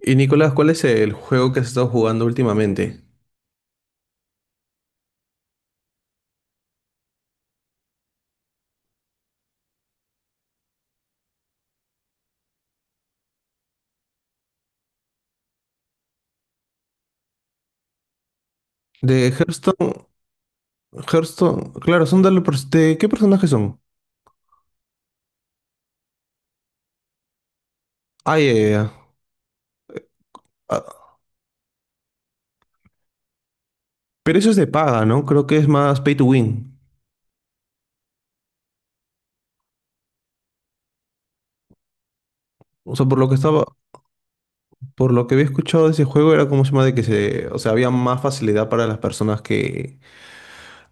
Y Nicolás, ¿cuál es el juego que has estado jugando últimamente? De Hearthstone, Hearthstone, claro, son de, ¿qué personajes son? Ah, ya, ya, ya. Ah, pero eso es de paga, ¿no? Creo que es más pay to win. O sea, por lo que estaba, por lo que había escuchado de ese juego era, como se llama, de que se, o sea, había más facilidad para las personas que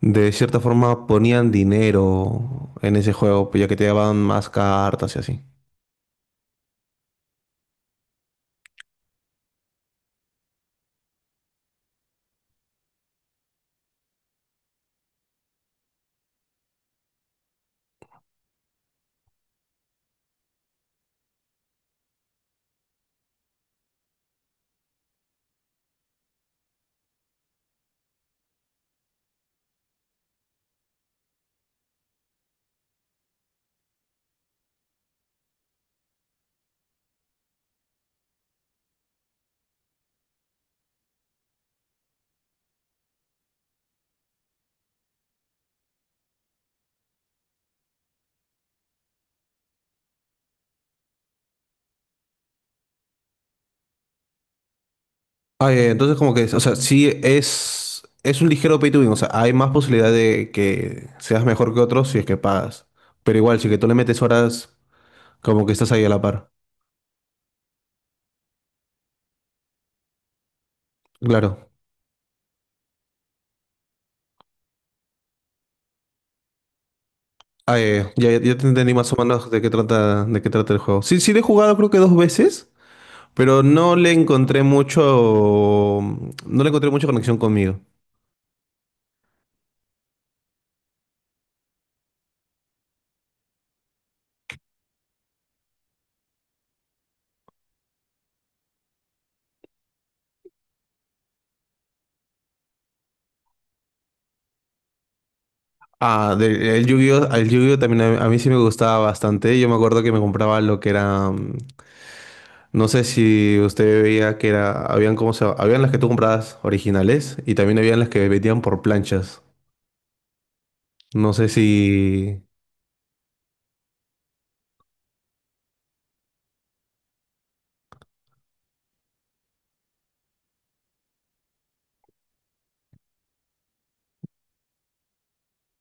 de cierta forma ponían dinero en ese juego, pues, ya que te daban más cartas y así. Ah, entonces como que, o sea, sí es un ligero pay to win, o sea, hay más posibilidad de que seas mejor que otros si es que pagas. Pero igual, si que tú le metes horas, como que estás ahí a la par. Claro. Ah, ya, ya, ya te entendí más o menos de qué trata el juego. Sí, sí le he jugado creo que dos veces, pero no le encontré mucho, no le encontré mucha conexión conmigo. Ah, del el Yu-Gi-Oh también a mí sí me gustaba bastante. Yo me acuerdo que me compraba lo que era. No sé si usted veía que era, habían, habían las que tú comprabas originales y también habían las que vendían por planchas. No sé si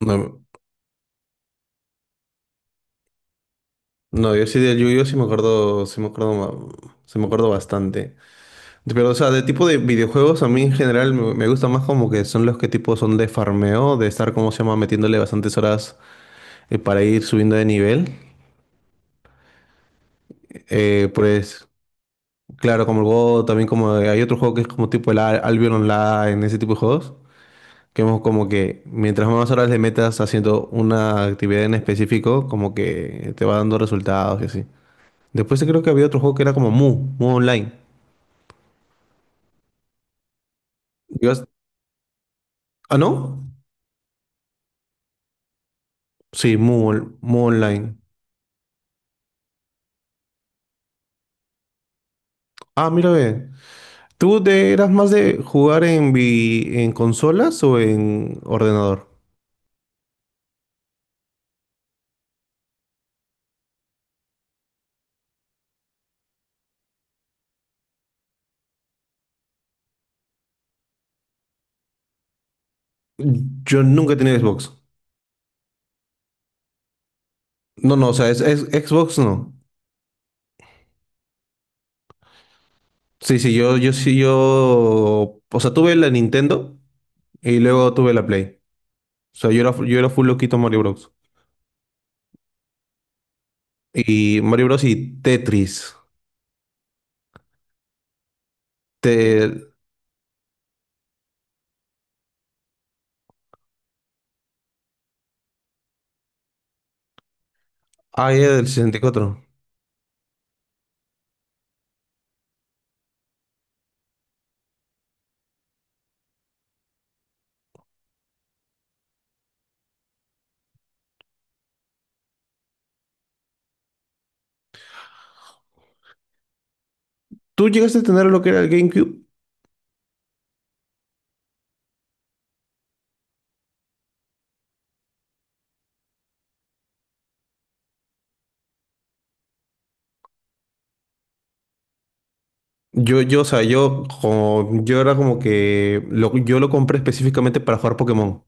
no, no. Yo sí del Yu-Gi-Oh sí me acuerdo, sí me acuerdo, sí me acuerdo bastante. Pero o sea, de tipo de videojuegos a mí en general me gusta más como que son los que tipo son de farmeo, de estar, como se llama, metiéndole bastantes horas, para ir subiendo de nivel. Pues claro, como el Go, también como hay otro juego que es como tipo el Albion Online, ese tipo de juegos. Que hemos como que mientras más horas le metas haciendo una actividad en específico, como que te va dando resultados y así. Después creo que había otro juego que era como Mu, Mu Online. Yo as- ¿Ah, no? Sí, Mu, Mu Online. Ah, mira, ve. ¿Tú te eras más de jugar en, en consolas o en ordenador? Yo nunca he tenido Xbox. No, no, o sea, Xbox no. Sí, sí, yo. O sea, tuve la Nintendo y luego tuve la Play. O sea, yo era full loquito en Mario Bros. Y Mario Bros. Y Tetris. Te... Ah, era del 64. ¿Tú llegaste a tener lo que era el GameCube? O sea, yo era como que yo lo compré específicamente para jugar Pokémon.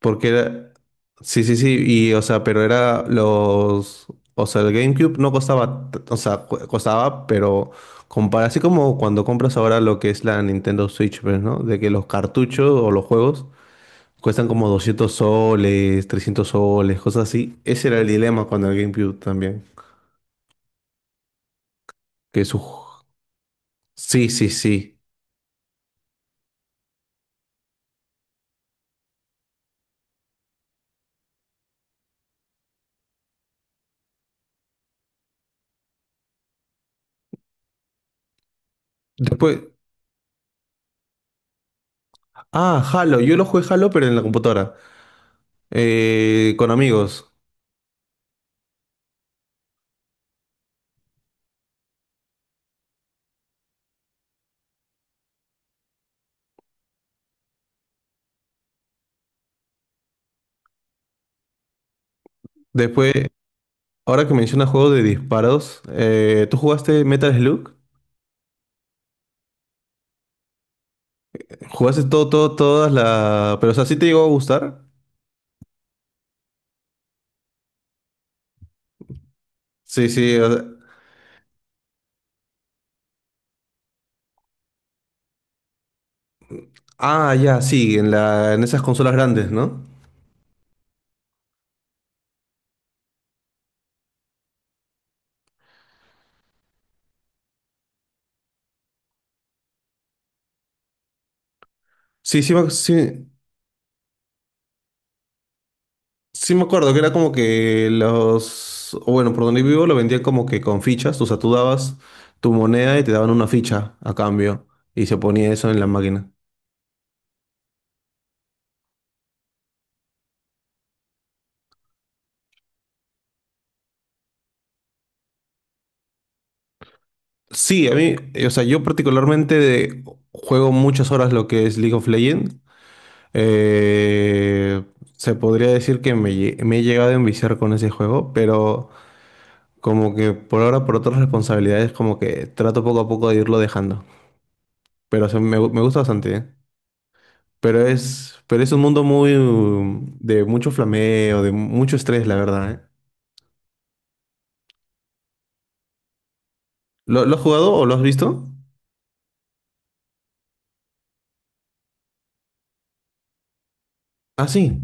Porque era. Sí, sí, sí. Y, o sea, pero era los. O sea, el GameCube no costaba. O sea, costaba, pero. Compara, así como cuando compras ahora lo que es la Nintendo Switch, pues, ¿no? De que los cartuchos o los juegos cuestan como 200 soles, 300 soles, cosas así. Ese era el dilema con el GameCube también. Que su... Sí, sí, sí. Después... Ah, Halo. Yo lo jugué Halo, pero en la computadora, con amigos. Después, ahora que mencionas juegos de disparos, ¿tú jugaste Metal Slug? ¿Jugaste todo, todo, todas las...? Pero, o sea, ¿sí te llegó a gustar? Sí, sí. Ah, ya, sí, en esas consolas grandes, ¿no? Sí, sí, sí, sí me acuerdo que era como que los, o bueno, por donde vivo lo vendían como que con fichas, o sea, tú dabas tu moneda y te daban una ficha a cambio y se ponía eso en la máquina. Sí, a mí, o sea, yo particularmente juego muchas horas lo que es League of Legends. Eh, Se podría decir que me he llegado a enviciar con ese juego, pero como que por ahora, por otras responsabilidades, como que trato poco a poco de irlo dejando. Pero o sea, me gusta bastante, ¿eh? Pero es un mundo muy de mucho flameo, de mucho estrés, la verdad, ¿eh? Lo has jugado o lo has visto? Ah, sí.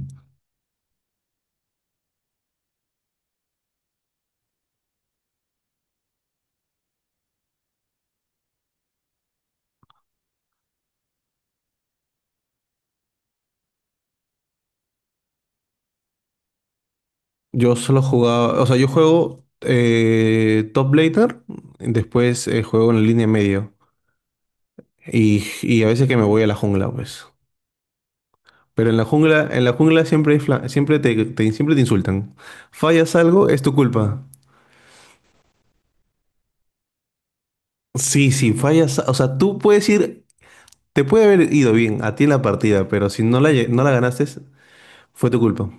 Yo solo jugaba, o sea, yo juego, top laner, después juego en la línea medio y a veces que me voy a la jungla, pues. Pero en la jungla siempre siempre te insultan. Fallas algo, es tu culpa. Sí, sí, fallas, o sea, tú puedes ir, te puede haber ido bien a ti en la partida, pero si no la, no la ganaste, fue tu culpa.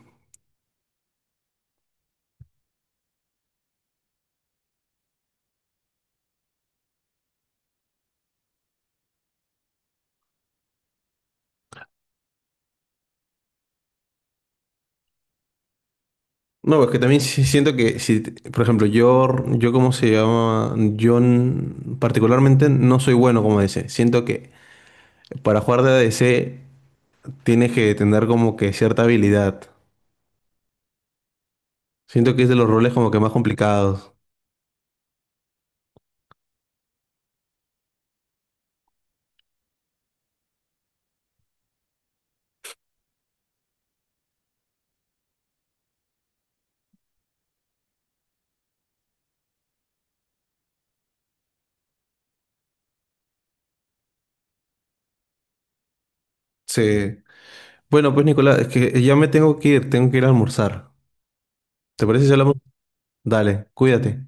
No, es que también siento que si, por ejemplo, yo, cómo se llama, particularmente no soy bueno como ADC. Siento que para jugar de ADC tienes que tener como que cierta habilidad. Siento que es de los roles como que más complicados. Sí. Bueno, pues Nicolás, es que ya me tengo que ir a almorzar. ¿Te parece si hablamos? Dale, cuídate.